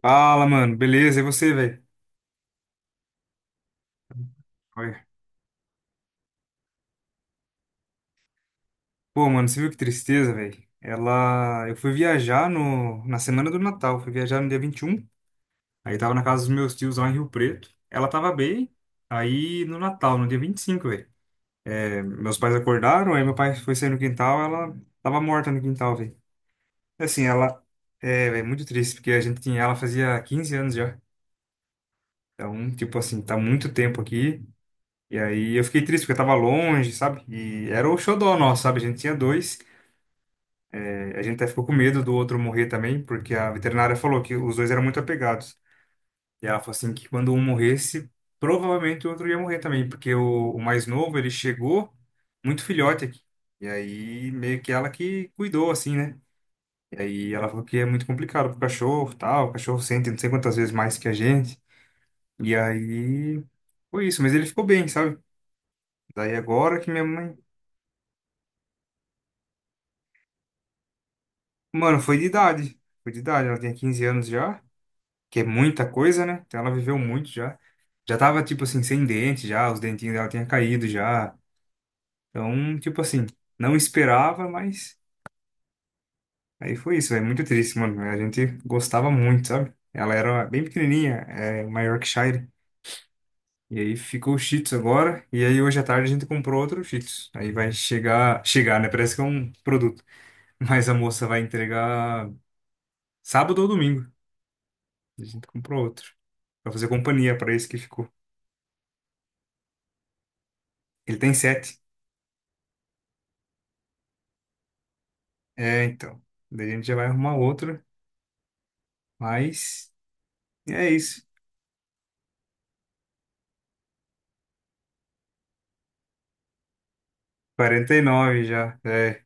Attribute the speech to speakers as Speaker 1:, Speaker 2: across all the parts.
Speaker 1: Fala, mano. Beleza, e você, velho? Olha. Pô, mano, você viu que tristeza, velho? Ela. Eu fui viajar no... na semana do Natal. Fui viajar no dia 21. Aí tava na casa dos meus tios lá em Rio Preto. Ela tava bem. Aí no Natal, no dia 25, velho. É, meus pais acordaram, aí meu pai foi sair no quintal. Ela tava morta no quintal, velho. Assim, ela. É, velho, muito triste, porque a gente tinha ela fazia 15 anos já. Então, tipo assim, tá muito tempo aqui. E aí eu fiquei triste, porque eu tava longe, sabe? E era o xodó nosso, sabe? A gente tinha dois. A gente até ficou com medo do outro morrer também, porque a veterinária falou que os dois eram muito apegados. E ela falou assim que quando um morresse, provavelmente o outro ia morrer também, porque o mais novo, ele chegou muito filhote aqui. E aí meio que ela que cuidou assim, né? E aí ela falou que é muito complicado pro cachorro, tal, o cachorro sente não sei quantas vezes mais que a gente. E aí foi isso, mas ele ficou bem, sabe? Daí agora que minha mãe, mano, foi de idade, ela tinha 15 anos já. Que é muita coisa, né? Então ela viveu muito já. Já tava, tipo assim, sem dente já, os dentinhos dela tinham caído já. Então, tipo assim, não esperava, mas aí foi isso, é muito triste, mano. A gente gostava muito, sabe? Ela era bem pequenininha, é, uma Yorkshire. E aí ficou o Shih Tzu agora, e aí hoje à tarde a gente comprou outro Shih Tzu. Aí vai chegar, chegar, né? Parece que é um produto. Mas a moça vai entregar sábado ou domingo. A gente comprou outro. Pra fazer companhia pra esse que ficou. Ele tem sete. É, então. Daí a gente já vai arrumar outra. Mas é isso. 49 já. É.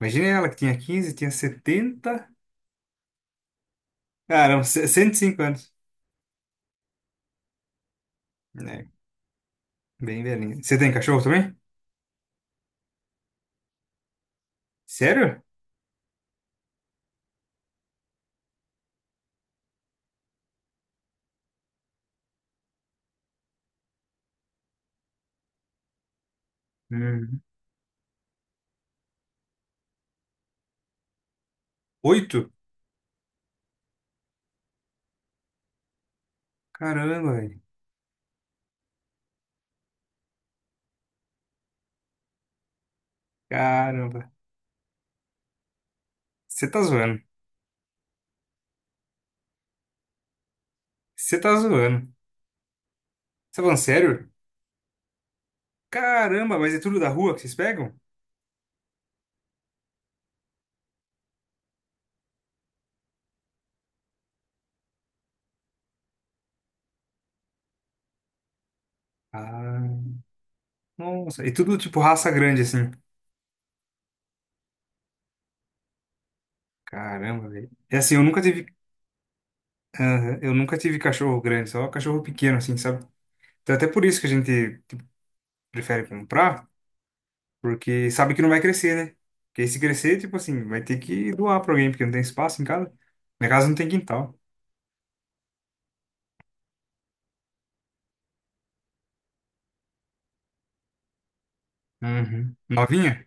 Speaker 1: Imagina, ela que tinha 15, tinha 70. Caramba, 105 anos. É, bem velhinha. Você tem cachorro também? Sério? Uhum. Oito? Caramba, velho. Caramba. Você tá zoando. Você tá zoando. Você tá falando sério? Caramba, mas é tudo da rua que vocês pegam? Ah, nossa. E tudo tipo raça grande, assim. Caramba, velho. É assim, eu nunca tive. Aham, eu nunca tive cachorro grande, só cachorro pequeno, assim, sabe? Então, até por isso que a gente, tipo, prefere comprar, porque sabe que não vai crescer, né? Porque aí se crescer, tipo assim, vai ter que doar pra alguém, porque não tem espaço em casa. Minha casa não tem quintal. Uhum. Novinha?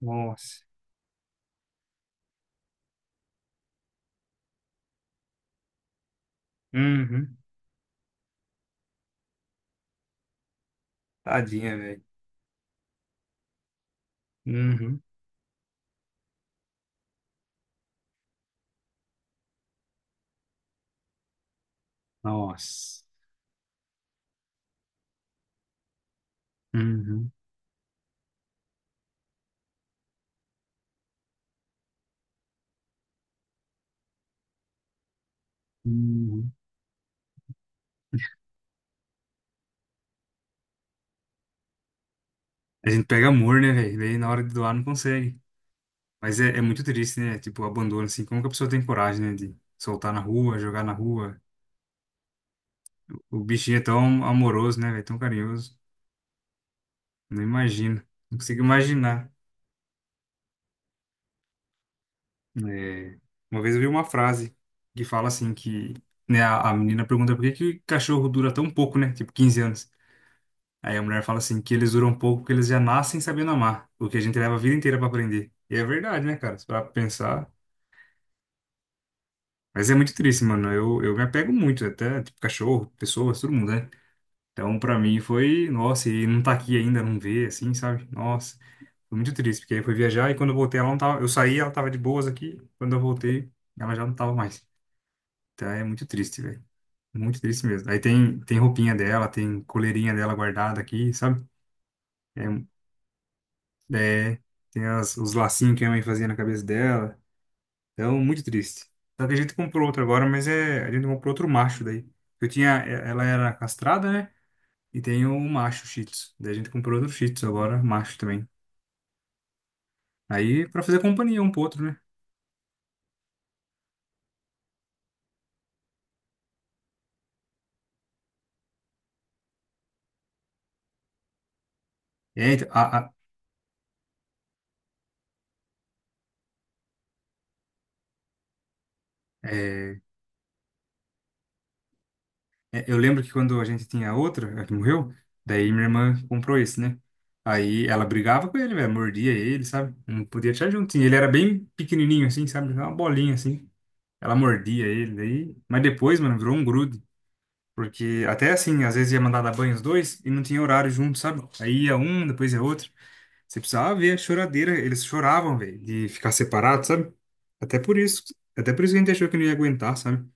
Speaker 1: Nossa. Uhum. Tadinha, velho. Uhum. Nossa. Uhum. Uhum. A gente pega amor, né, velho? Daí na hora de doar não consegue. Mas é muito triste, né? Tipo, o abandono, assim. Como que a pessoa tem coragem, né, de soltar na rua, jogar na rua? O bichinho é tão amoroso, né, velho? Tão carinhoso. Não imagino. Não consigo imaginar. É, uma vez eu vi uma frase que fala assim que, né, a menina pergunta por que que cachorro dura tão pouco, né? Tipo 15 anos. Aí a mulher fala assim que eles duram pouco porque eles já nascem sabendo amar, o que a gente leva a vida inteira pra aprender. E é verdade, né, cara? Se parar pra pensar. Mas é muito triste, mano. Eu me apego muito até, tipo, cachorro, pessoas, todo mundo, né? Então, pra mim foi, nossa, e não tá aqui ainda, não vê, assim, sabe? Nossa. Foi muito triste, porque aí foi viajar e quando eu voltei ela não tava. Eu saí, ela tava de boas aqui. Quando eu voltei, ela já não tava mais. Então é muito triste, velho. Muito triste mesmo. Aí tem roupinha dela, tem coleirinha dela guardada aqui, sabe? É, é, tem os lacinhos que a mãe fazia na cabeça dela. Então, muito triste. Só que a gente comprou outro agora, mas é, a gente comprou outro macho daí. Eu tinha, ela era castrada, né? E tem o macho Shih Tzu. Daí a gente comprou outro Shih Tzu agora, macho também. Aí pra fazer companhia um pro outro, né? É, então, a, a- é, Eu lembro que quando a gente tinha outra, a que morreu, daí minha irmã comprou esse, né? Aí ela brigava com ele, velho, mordia ele, sabe? Não podia tirar juntinho. Ele era bem pequenininho assim, sabe? Uma bolinha assim. Ela mordia ele, daí. Mas depois, mano, virou um grude. Porque até assim, às vezes ia mandar dar banho os dois e não tinha horário junto, sabe? Aí ia um, depois ia outro. Você precisava ver a choradeira. Eles choravam, velho, de ficar separado, sabe? Até por isso. Até por isso que a gente achou que não ia aguentar, sabe?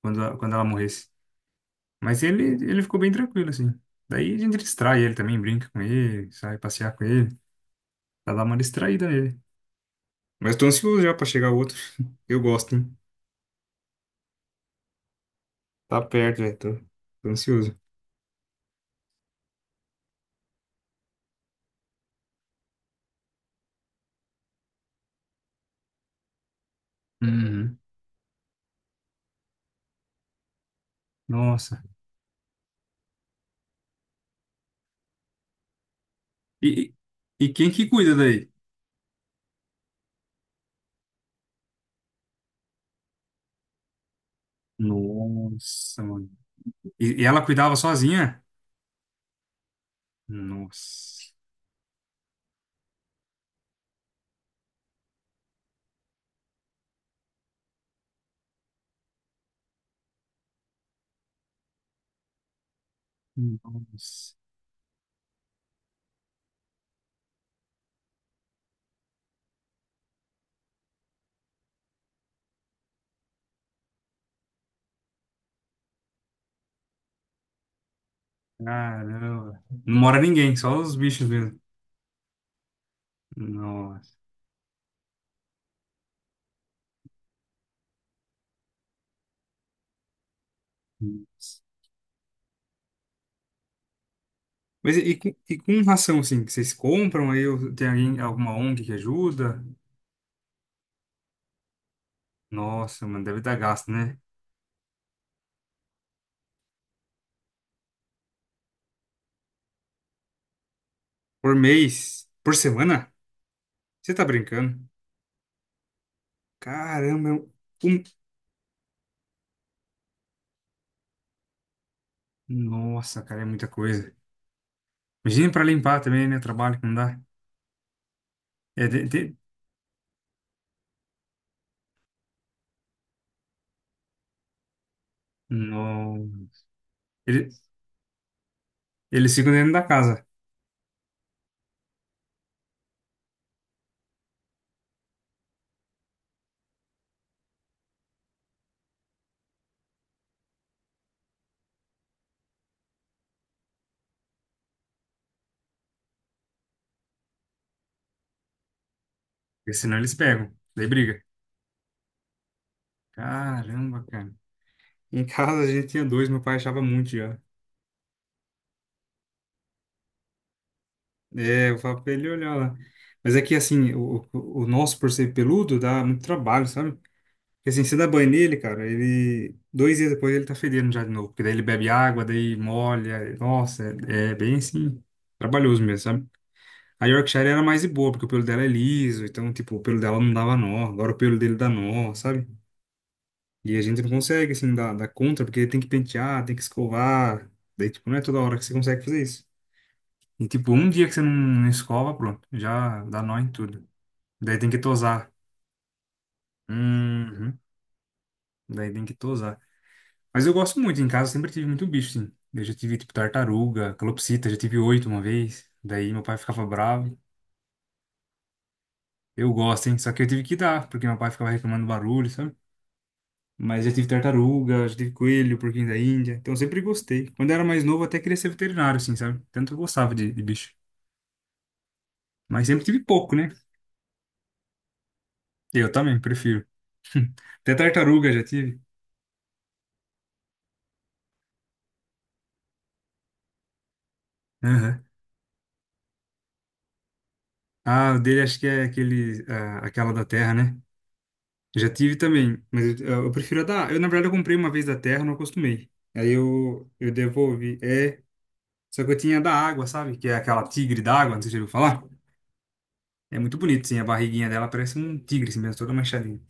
Speaker 1: Quando, quando ela morresse. Mas ele ficou bem tranquilo, assim. Daí a gente distrai ele também, brinca com ele, sai passear com ele, pra dar uma distraída nele. Mas tô ansioso já pra chegar o outro. Eu gosto, hein? Tá perto, velho. Tô ansioso. Uhum. Nossa. E, e e quem que cuida daí? Nossa, mano. E ela cuidava sozinha? Nossa. Nossa. Caramba. Não mora ninguém, só os bichos mesmo. Nossa. Mas e com ração, assim, que vocês compram aí? Ou tem alguém, alguma ONG que ajuda? Nossa, mano, deve dar gasto, né? Por mês? Por semana? Você tá brincando? Caramba, é um... um- Nossa, cara, é muita coisa. Imagina pra limpar também, né? O trabalho que não dá. É, tem, tem- No... Ele, eles ficam dentro da casa, porque senão eles pegam. Daí briga. Caramba, cara. Em casa a gente tinha dois, meu pai achava muito já. É, eu falo pra ele olhar lá. Mas é que, assim, o nosso, por ser peludo, dá muito trabalho, sabe? Porque, assim, você dá banho nele, cara, ele... 2 dias depois ele tá fedendo já de novo. Porque daí ele bebe água, daí molha. Nossa, é bem, assim, trabalhoso mesmo, sabe? A Yorkshire era mais de boa, porque o pelo dela é liso. Então, tipo, o pelo dela não dava nó. Agora o pelo dele dá nó, sabe? E a gente não consegue, assim, dar conta, porque ele tem que pentear, tem que escovar. Daí, tipo, não é toda hora que você consegue fazer isso. E tipo, um dia que você não escova, pronto, já dá nó em tudo. Daí tem que tosar. Uhum. Daí tem que tosar. Mas eu gosto muito, em casa eu sempre tive muito bicho, sim. Eu já tive, tipo, tartaruga, calopsita, já tive oito uma vez. Daí meu pai ficava bravo. Eu gosto, hein? Só que eu tive que dar, porque meu pai ficava reclamando barulho, sabe? Mas já tive tartaruga, já tive coelho, porquinho da Índia. Então eu sempre gostei. Quando eu era mais novo, eu até queria ser veterinário, assim, sabe? Tanto eu gostava de bicho. Mas sempre tive pouco, né? Eu também, prefiro. Até tartaruga já tive. Ah, o dele acho que é aquele, ah, aquela da Terra, né? Já tive também, mas eu prefiro a da. Eu, na verdade, eu comprei uma vez da Terra, não acostumei. Aí eu devolvi. É, só que eu tinha da água, sabe? Que é aquela tigre d'água, não sei se você já ouviu falar. É muito bonito, sim, a barriguinha dela parece um tigre, assim mesmo, toda manchadinha.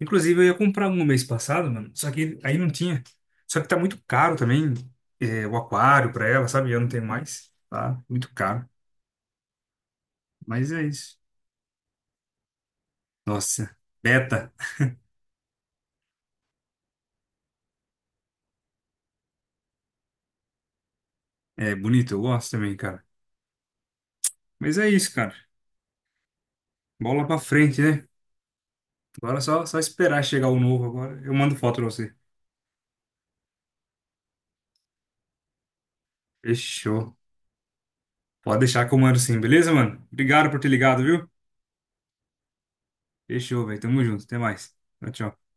Speaker 1: Inclusive, eu ia comprar um mês passado, mano, só que aí não tinha. Só que tá muito caro também, é, o aquário pra ela, sabe? Eu não tenho mais, tá? Muito caro. Mas é isso. Nossa, beta. É bonito, eu gosto também, cara. Mas é isso, cara. Bola pra frente, né? Agora é só esperar chegar o novo agora. Eu mando foto pra você. Fechou. Pode deixar que eu mando sim, beleza, mano? Obrigado por ter ligado, viu? Fechou, velho. Tamo junto. Até mais. Tchau, tchau.